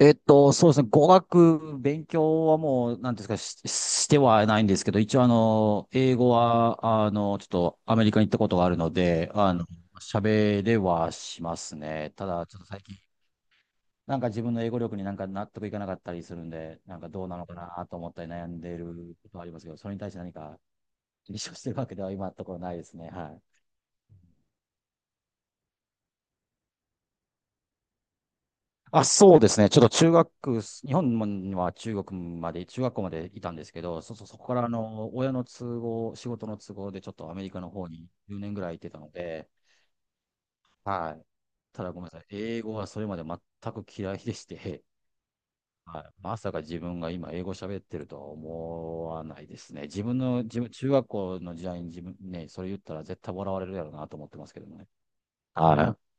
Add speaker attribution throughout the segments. Speaker 1: そうですね。語学勉強はもう、なんていうんですか、してはないんですけど、一応英語は、ちょっとアメリカに行ったことがあるので、喋れはしますね。ただ、ちょっと最近、なんか自分の英語力になんか納得いかなかったりするんで、なんかどうなのかなと思ったり悩んでることはありますけど、それに対して何か、立証してるわけでは今のところないですね。はい。あ、そうですね。ちょっと中学、日本には中学まで、中学校までいたんですけど、そこから親の都合、仕事の都合でちょっとアメリカの方に10年ぐらい行ってたので、はい。ただごめんなさい。英語はそれまで全く嫌いでして、はい。まさか自分が今英語喋ってるとは思わないですね。自分の、自分、中学校の時代に自分ね、それ言ったら絶対笑われるやろうなと思ってますけどね。はい。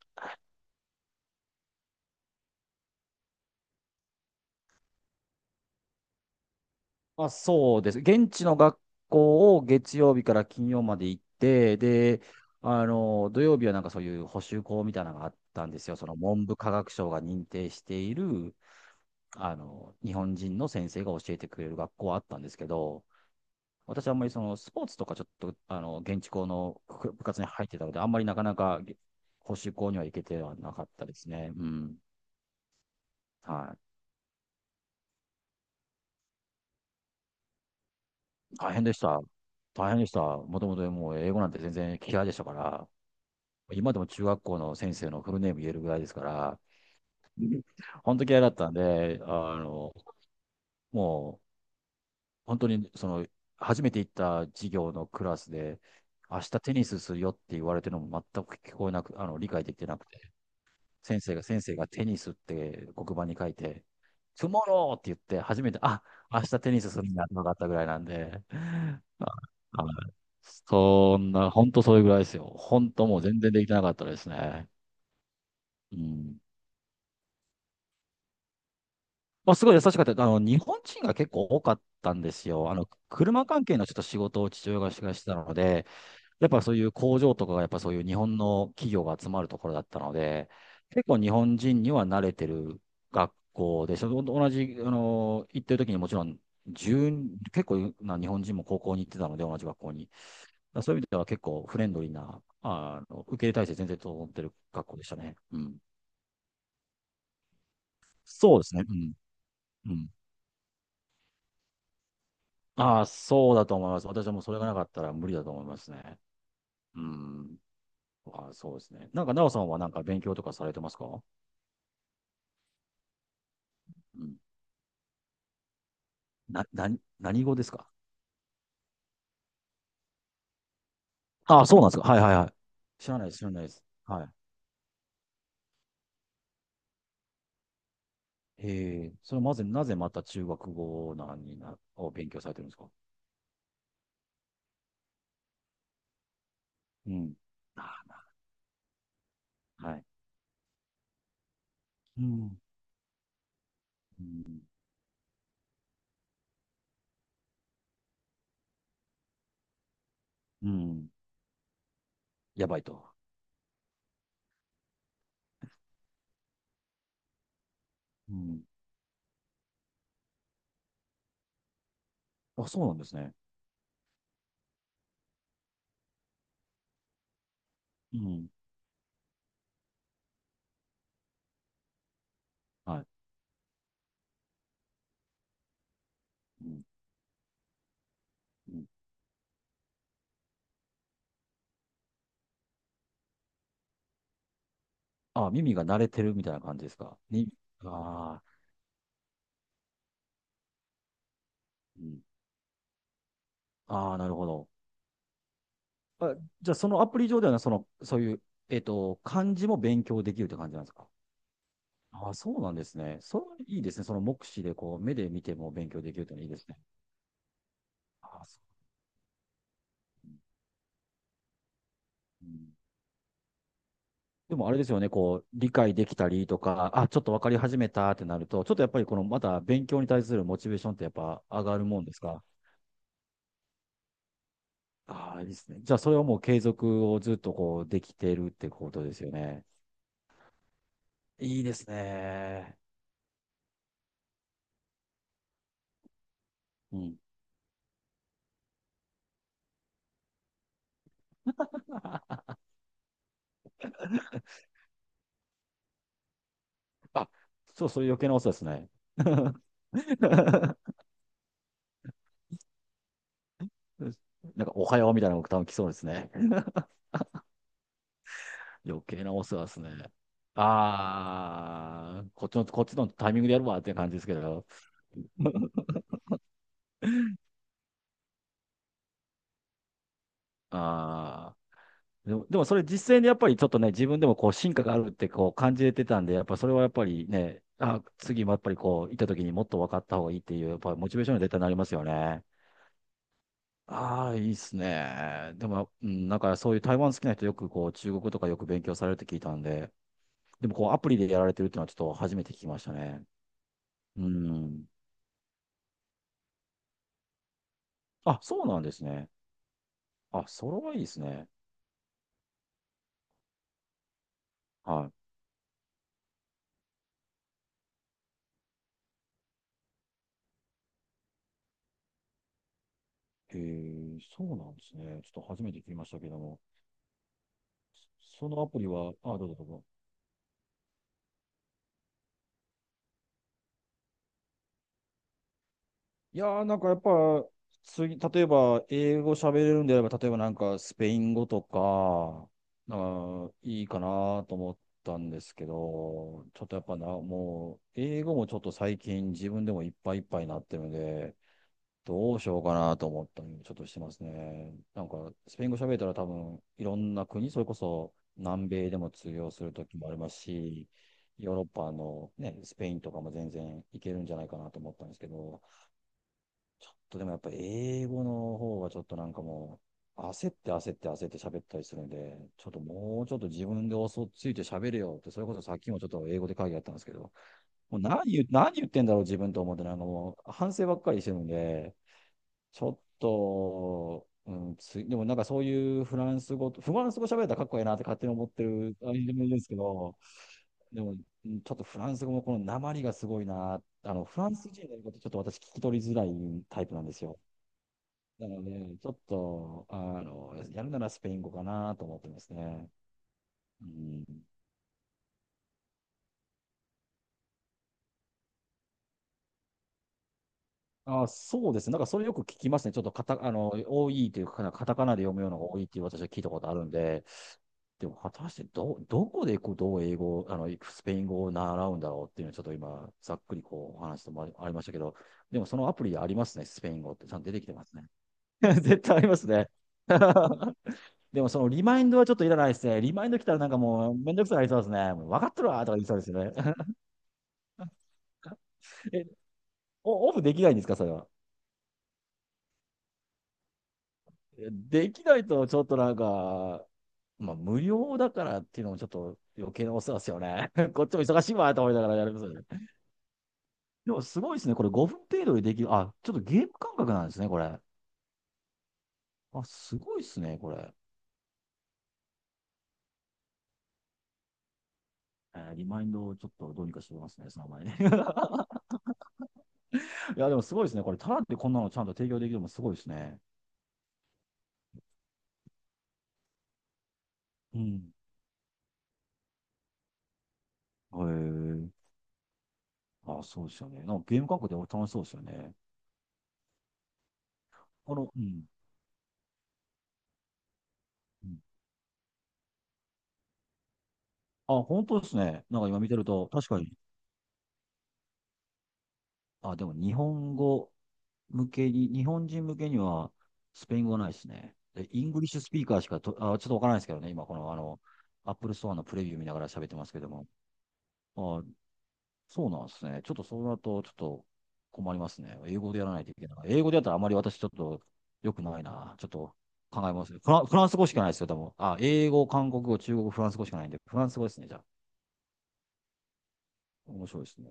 Speaker 1: まあ、そうです。現地の学校を月曜日から金曜まで行って、で、土曜日はなんかそういう補習校みたいなのがあったんですよ。その文部科学省が認定している、日本人の先生が教えてくれる学校はあったんですけど、私はあんまりそのスポーツとかちょっと、現地校の部活に入ってたので、あんまりなかなか補習校には行けてはなかったですね。うん。はい。大変でした。大変でした。もともともう英語なんて全然嫌いでしたから。今でも中学校の先生のフルネーム言えるぐらいですから、本当嫌いだったんで、もう、本当に、初めて行った授業のクラスで、明日テニスするよって言われてるのも全く聞こえなく、理解できてなくて、先生が、先生がテニスって黒板に書いて、トゥモローって言って、初めて、あ、明日テニスするんだって分かったぐらいなんで、はい、そんな、本当それぐらいですよ。本当もう全然できてなかったですね。うん。あ、すごい優しかった。日本人が結構多かったんですよ。車関係のちょっと仕事を父親がしてたので、やっぱそういう工場とかが、やっぱそういう日本の企業が集まるところだったので、結構日本人には慣れてる学校で、その同じ、行ってる時にもちろん、1結構な日本人も高校に行ってたので、同じ学校に。だからそういう意味では結構フレンドリーな、受け入れ体制全然整ってる学校でしたね。うん。そうですね。うん、うん。ああ、そうだと思います。私はもうそれがなかったら無理だと思いますね。うん。ああ、そうですね。なんか、なおさんはなんか勉強とかされてますか？うん。な、な、何語ですか？ああ、そうなんですか。はいはいはい。知らないです、知らないです。はい。ええ、それまず、なぜまた中学語なんにな、を勉強されてるんですか？うん。ああ、はい。うん。うん。うん。やばいと。うん。あ、そうなんですね。うん。はい。うん。うん。ああ、耳が慣れてるみたいな感じですかに、ああ。うん。ああ、なるほど。あ、じゃあ、そのアプリ上ではね、その、そういう、漢字も勉強できるって感じなんですか？ああ、そうなんですね。それはいいですね。その目視で、こう、目で見ても勉強できるっていうのはいいですね。ああ、そう。うん、でも、あれですよね、こう、理解できたりとか、あ、ちょっと分かり始めたってなると、ちょっとやっぱり、この、また勉強に対するモチベーションってやっぱ上がるもんですか？ああ、いいですね。じゃあ、それはもう継続をずっと、こう、できてるってことですよね。いいですね。うん。あ、そう、そういう余計なお世話ですね。なんか、おはようみたいなのが多分来そうですね。余計なお世話ですね。ああ、こっちの、こっちのタイミングでやるわって感じですけど。ああ、でも、でもそれ実践でやっぱりちょっとね、自分でもこう進化があるってこう感じれてたんで、やっぱそれはやっぱりね、あ、次もやっぱりこう、行った時にもっと分かった方がいいっていう、やっぱりモチベーションに絶対なりますよね。ああ、いいっすね。でも、うん、なんかそういう台湾好きな人よくこう、中国とかよく勉強されるって聞いたんで、でもこうアプリでやられてるっていうのはちょっと初めて聞きましたね。うん。あ、そうなんですね。あ、それはいいですね。はい。へえ、そうなんですね。ちょっと初めて聞きましたけども。そのアプリは、あ、どうぞどうぞ。いやー、なんかやっぱ、次、例えば、英語喋れるんであれば、例えばなんか、スペイン語とか、なんか、いいかなと思ったんですけど、ちょっとやっぱな、もう、英語もちょっと最近自分でもいっぱいいっぱいになってるんで、どうしようかなと思ったりちょっとしてますね。なんか、スペイン語喋ったら多分、いろんな国、それこそ南米でも通用する時もありますし、ヨーロッパのね、スペインとかも全然いけるんじゃないかなと思ったんですけど、ちょっとでもやっぱ英語の方がちょっとなんかもう、焦って焦って焦って喋ったりするんで、ちょっともうちょっと自分で嘘をついて喋れよって、それこそさっきもちょっと英語で会議やったんですけど、もう何言う、何言ってんだろう自分と思って、なんかもう反省ばっかりしてるんで、ちょっと、うん、つい、でもなんかそういうフランス語と、フランス語喋れたらかっこいいなって勝手に思ってる、あれでもいいんですけど、でも、うん、ちょっとフランス語もこの訛りがすごいな、フランス人の言うことちょっと私聞き取りづらいタイプなんですよ。なので、ちょっと、やるならスペイン語かなと思ってますね。うん。あ、そうですね。なんかそれよく聞きますね。ちょっとカタ、多いというか、カタカナで読むようなのが多いっていう私は聞いたことあるんで、でも果たしてどこでこうどう英語、スペイン語を習うんだろうっていうのはちょっと今、ざっくりこうお話ともありましたけど、でもそのアプリでありますね、スペイン語ってちゃんと出てきてますね。絶対ありますね。でもそのリマインドはちょっといらないですね。リマインド来たらなんかもうめんどくさくなりそうですね。もう分かってるわとか言いそうですよね。え、オオフできないんですか、それは？できないとちょっとなんか、まあ無料だからっていうのもちょっと余計なお世話ですよね。こっちも忙しいわと思いながらやりますよね。でもすごいですね。これ5分程度でできる。あ、ちょっとゲーム感覚なんですね、これ。あ、すごいですね、これ。えーリマインドをちょっとどうにかしておきますね、その前に。いや、でもすごいですね。これ、タラってこんなのちゃんと提供できるのもすごいですね。うん。へえ。あ、そうですよね。なんかゲーム感覚で楽しそうですよね。うん。うん、あ、本当ですね。なんか今見てると、確かに。あ、でも日本語向けに、日本人向けにはスペイン語はないですね。でイングリッシュスピーカーしかと、あ、ちょっとわからないですけどね、今このアップルストアのプレビュー見ながら喋ってますけども。あ、そうなんですね。ちょっとそうなると、ちょっと困りますね。英語でやらないといけない。英語でやったらあまり私ちょっと良くないな。ちょっと考えますね。フランス語しかないですよ、多分。あ、英語、韓国語、中国語、フランス語しかないんで、フランス語ですね、じゃあ。面白いですね。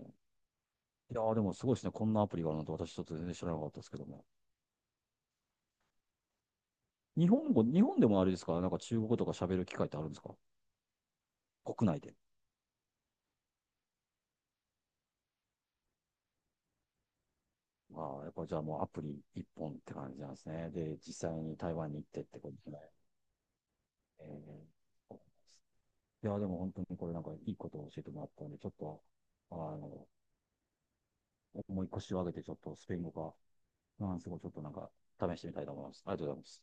Speaker 1: いやーでもすごいですね。こんなアプリがあるのと私ちょっと全然知らなかったですけども。日本語、日本でもあれですかなんか中国語とか喋る機会ってあるんですか？国内で。ああ、やっぱじゃあもうアプリ一本って感じなんですね。で、実際に台湾に行ってってことですね。えー、いや、でも本当にこれなんかいいことを教えてもらったんで、ちょっと、あの、重い腰を上げてちょっとスペイン語か、フランス語ちょっとなんか試してみたいと思います。ありがとうございます。